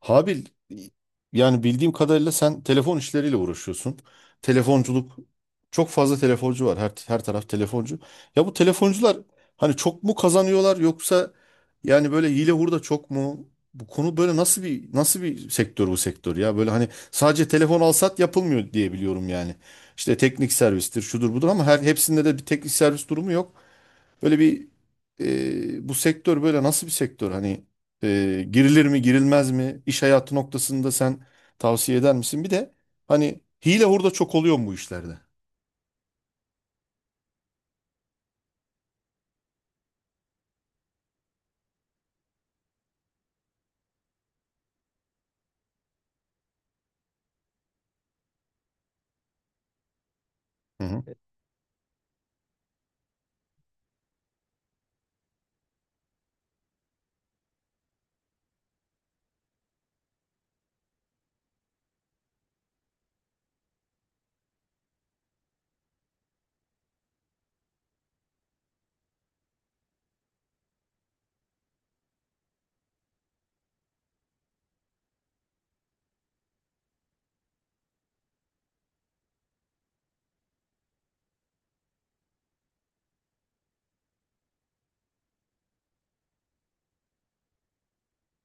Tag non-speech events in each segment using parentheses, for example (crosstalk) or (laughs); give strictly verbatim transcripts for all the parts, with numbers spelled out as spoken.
Habil, yani bildiğim kadarıyla sen telefon işleriyle uğraşıyorsun. Telefonculuk, çok fazla telefoncu var. Her her taraf telefoncu. Ya bu telefoncular hani çok mu kazanıyorlar yoksa yani böyle hile hurda çok mu? Bu konu böyle nasıl bir nasıl bir sektör bu sektör ya? Böyle hani sadece telefon alsat yapılmıyor diye biliyorum yani. İşte teknik servistir, şudur budur ama her hepsinde de bir teknik servis durumu yok. Böyle bir e, bu sektör böyle nasıl bir sektör? Hani e, girilir mi girilmez mi? İş hayatı noktasında sen tavsiye eder misin? Bir de hani hile hurda çok oluyor mu bu işlerde? Hı hı.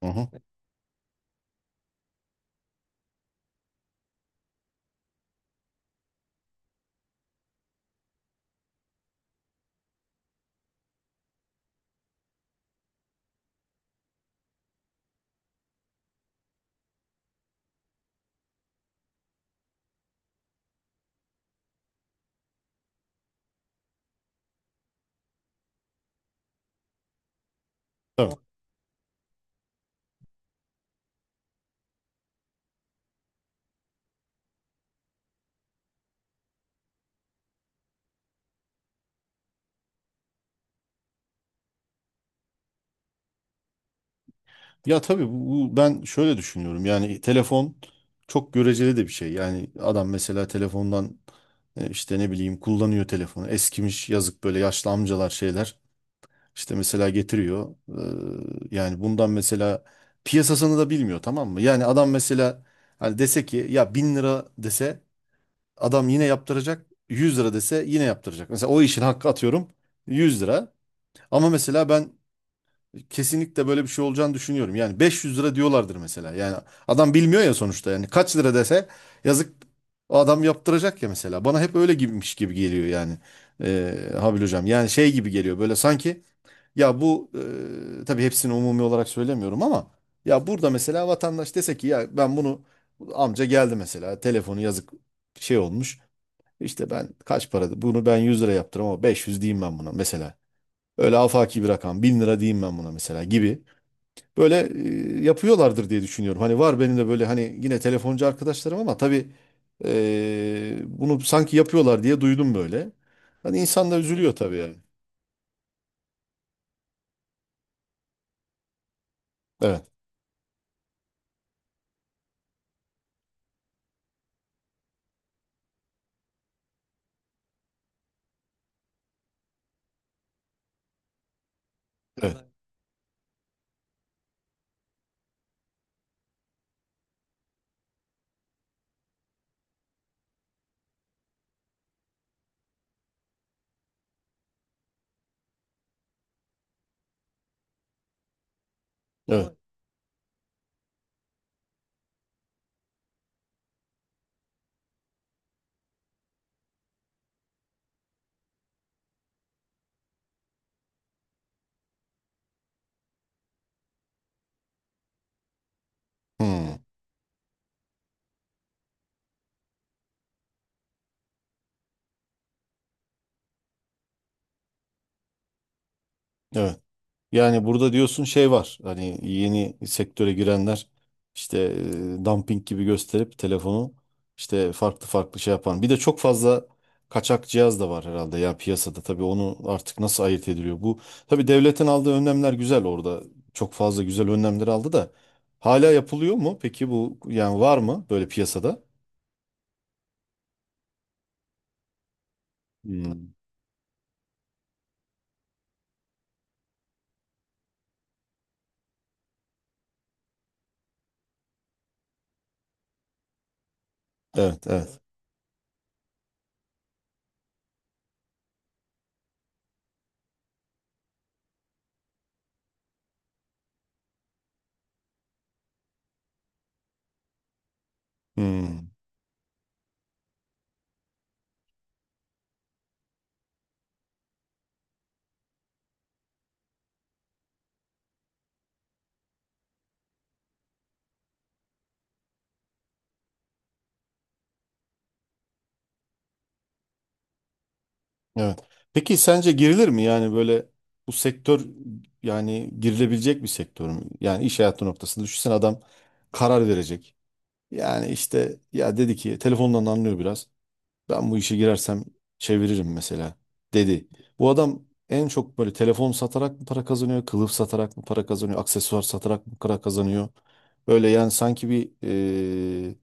Hı hı. Tabii. Ya tabii bu, bu- ben şöyle düşünüyorum. Yani telefon çok göreceli de bir şey. Yani adam mesela telefondan e, işte ne bileyim kullanıyor telefonu. Eskimiş yazık böyle yaşlı amcalar şeyler. İşte mesela getiriyor. Ee, yani bundan mesela piyasasını da bilmiyor, tamam mı? Yani adam mesela hani dese ki ya bin lira dese adam yine yaptıracak. yüz lira dese yine yaptıracak. Mesela o işin hakkı, atıyorum, yüz lira. Ama mesela ben kesinlikle böyle bir şey olacağını düşünüyorum. Yani beş yüz lira diyorlardır mesela. Yani adam bilmiyor ya sonuçta. Yani kaç lira dese yazık o adam yaptıracak ya mesela. Bana hep öyle gibiymiş gibi geliyor yani. Ee, Habil hocam. Yani şey gibi geliyor böyle, sanki ya bu e, tabii hepsini umumi olarak söylemiyorum ama ya burada mesela vatandaş dese ki ya ben bunu, amca geldi mesela telefonu yazık şey olmuş. İşte ben kaç paradı bunu, ben yüz lira yaptırım ama beş yüz diyeyim ben buna mesela. Öyle afaki bir rakam, bin lira diyeyim ben buna mesela gibi. Böyle e, yapıyorlardır diye düşünüyorum. Hani var benim de böyle hani yine telefoncu arkadaşlarım ama tabii e, bunu sanki yapıyorlar diye duydum böyle. Hani insan da üzülüyor tabii yani. Evet, evet, evet. Hmm, evet. evet. Yani burada diyorsun şey var. Hani yeni sektöre girenler işte e, dumping gibi gösterip telefonu işte farklı farklı şey yapan. Bir de çok fazla kaçak cihaz da var herhalde ya piyasada. Tabii onu artık nasıl ayırt ediliyor? Bu tabii devletin aldığı önlemler güzel orada. Çok fazla güzel önlemler aldı da hala yapılıyor mu? Peki bu yani var mı böyle piyasada? Hmm. Evet, evet. Hmm. Evet. Peki sence girilir mi yani böyle bu sektör, yani girilebilecek bir sektör mü? Yani iş hayatı noktasında düşünsene, adam karar verecek. Yani işte ya dedi ki telefondan anlıyor biraz. Ben bu işe girersem çeviririm mesela dedi. Bu adam en çok böyle telefon satarak mı para kazanıyor, kılıf satarak mı para kazanıyor, aksesuar satarak mı para kazanıyor? Böyle yani sanki bir e,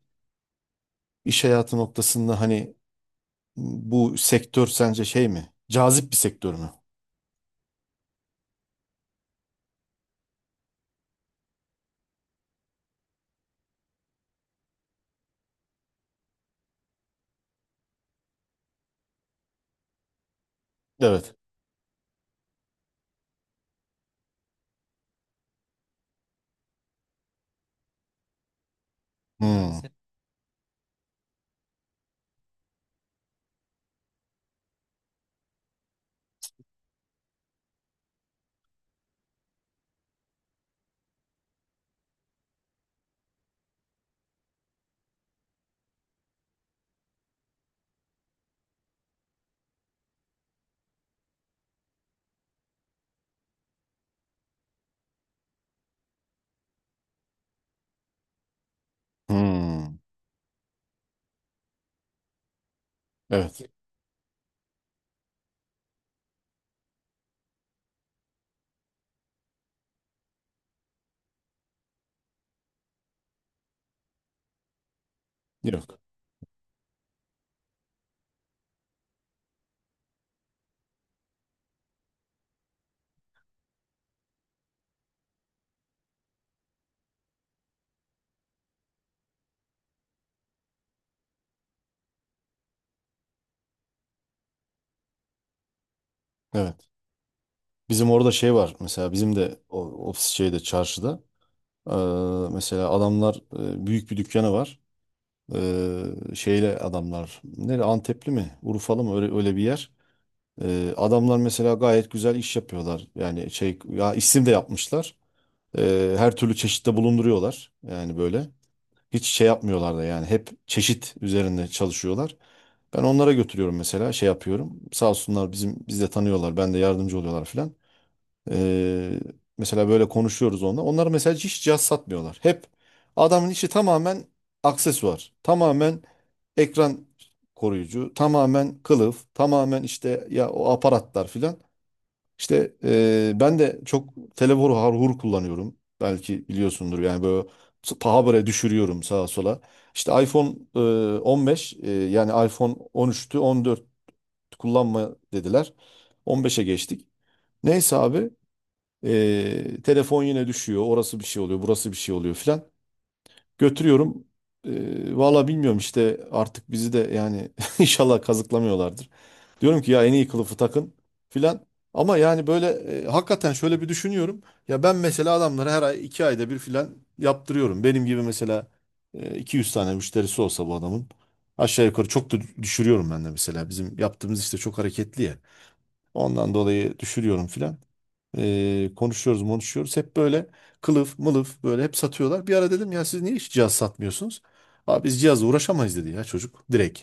iş hayatı noktasında hani bu sektör sence şey mi? Cazip bir sektör mü? Evet. Hmm. Sen- hmm. Evet. Yok. Evet. Bizim orada şey var. Mesela bizim de o, ofis şeyde, çarşıda. Ee, mesela adamlar e, büyük bir dükkanı var. Ee, şeyle adamlar. Nere, Antepli mi? Urfalı mı? Öyle, öyle bir yer. Ee, adamlar mesela gayet güzel iş yapıyorlar. Yani şey ya, isim de yapmışlar. Ee, her türlü çeşitte bulunduruyorlar. Yani böyle. Hiç şey yapmıyorlar da yani hep çeşit üzerinde çalışıyorlar. Ben onlara götürüyorum mesela, şey yapıyorum. Sağ olsunlar bizim biz de tanıyorlar. Ben de yardımcı oluyorlar filan. Ee, Mesela böyle konuşuyoruz onunla. Onlar mesela hiç cihaz satmıyorlar. Hep adamın işi tamamen aksesuar. Tamamen ekran koruyucu, tamamen kılıf, tamamen işte ya o aparatlar filan. İşte eee, ben de çok telefonu harhur kullanıyorum. Belki biliyorsundur yani böyle t- paha böyle düşürüyorum sağa sola. İşte iPhone eee, on beş eee, yani iPhone on üçtü, on dört kullanma dediler. on beşe geçtik. Neyse abi eee, telefon yine düşüyor. Orası bir şey oluyor, burası bir şey oluyor filan. Götürüyorum. Ee, valla bilmiyorum işte artık bizi de yani (laughs) inşallah kazıklamıyorlardır. Diyorum ki ya en iyi kılıfı takın filan. Ama yani böyle e, hakikaten şöyle bir düşünüyorum. Ya ben mesela adamlara her ay, iki ayda bir filan yaptırıyorum. Benim gibi mesela e, iki yüz tane müşterisi olsa bu adamın aşağı yukarı, çok da düşürüyorum ben de mesela. Bizim yaptığımız işte çok hareketli ya. Ondan dolayı düşürüyorum filan. Ee, konuşuyoruz, konuşuyoruz. Hep böyle kılıf mılıf böyle hep satıyorlar. Bir ara dedim ya, siz niye hiç cihaz satmıyorsunuz? Abi biz cihazla uğraşamayız dedi ya çocuk, direkt.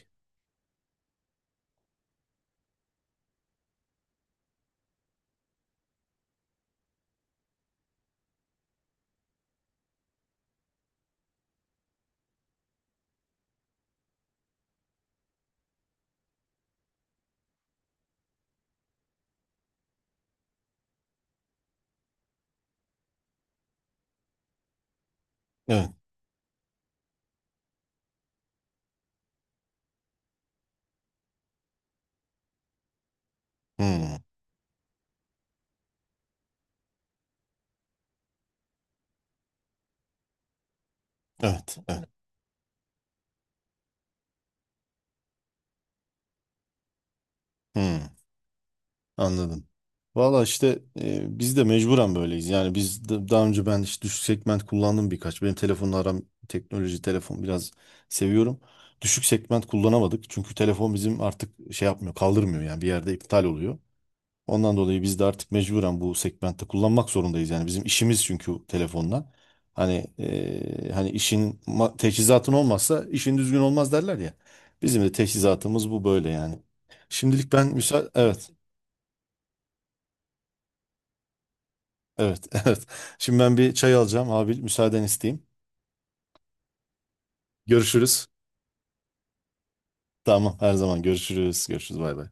Evet. Hmm. Evet. Evet. Hmm. Anladım. Valla işte e, biz de mecburen böyleyiz. Yani biz de- daha önce ben işte düşük segment kullandım birkaç. Benim telefonla aram, teknoloji, telefon biraz seviyorum. Düşük segment kullanamadık. Çünkü telefon bizim artık şey yapmıyor, kaldırmıyor, yani bir yerde iptal oluyor. Ondan dolayı biz de artık mecburen bu segmentte kullanmak zorundayız. Yani bizim işimiz çünkü telefonla. Hani eee, hani işin ma- teçhizatın olmazsa işin düzgün olmaz derler ya. Bizim de teçhizatımız bu, böyle yani. Şimdilik ben müsa, evet, evet, (laughs) evet. Şimdi ben bir çay alacağım abi, müsaaden isteyeyim. Görüşürüz. Tamam, her zaman görüşürüz. Görüşürüz, bay bay.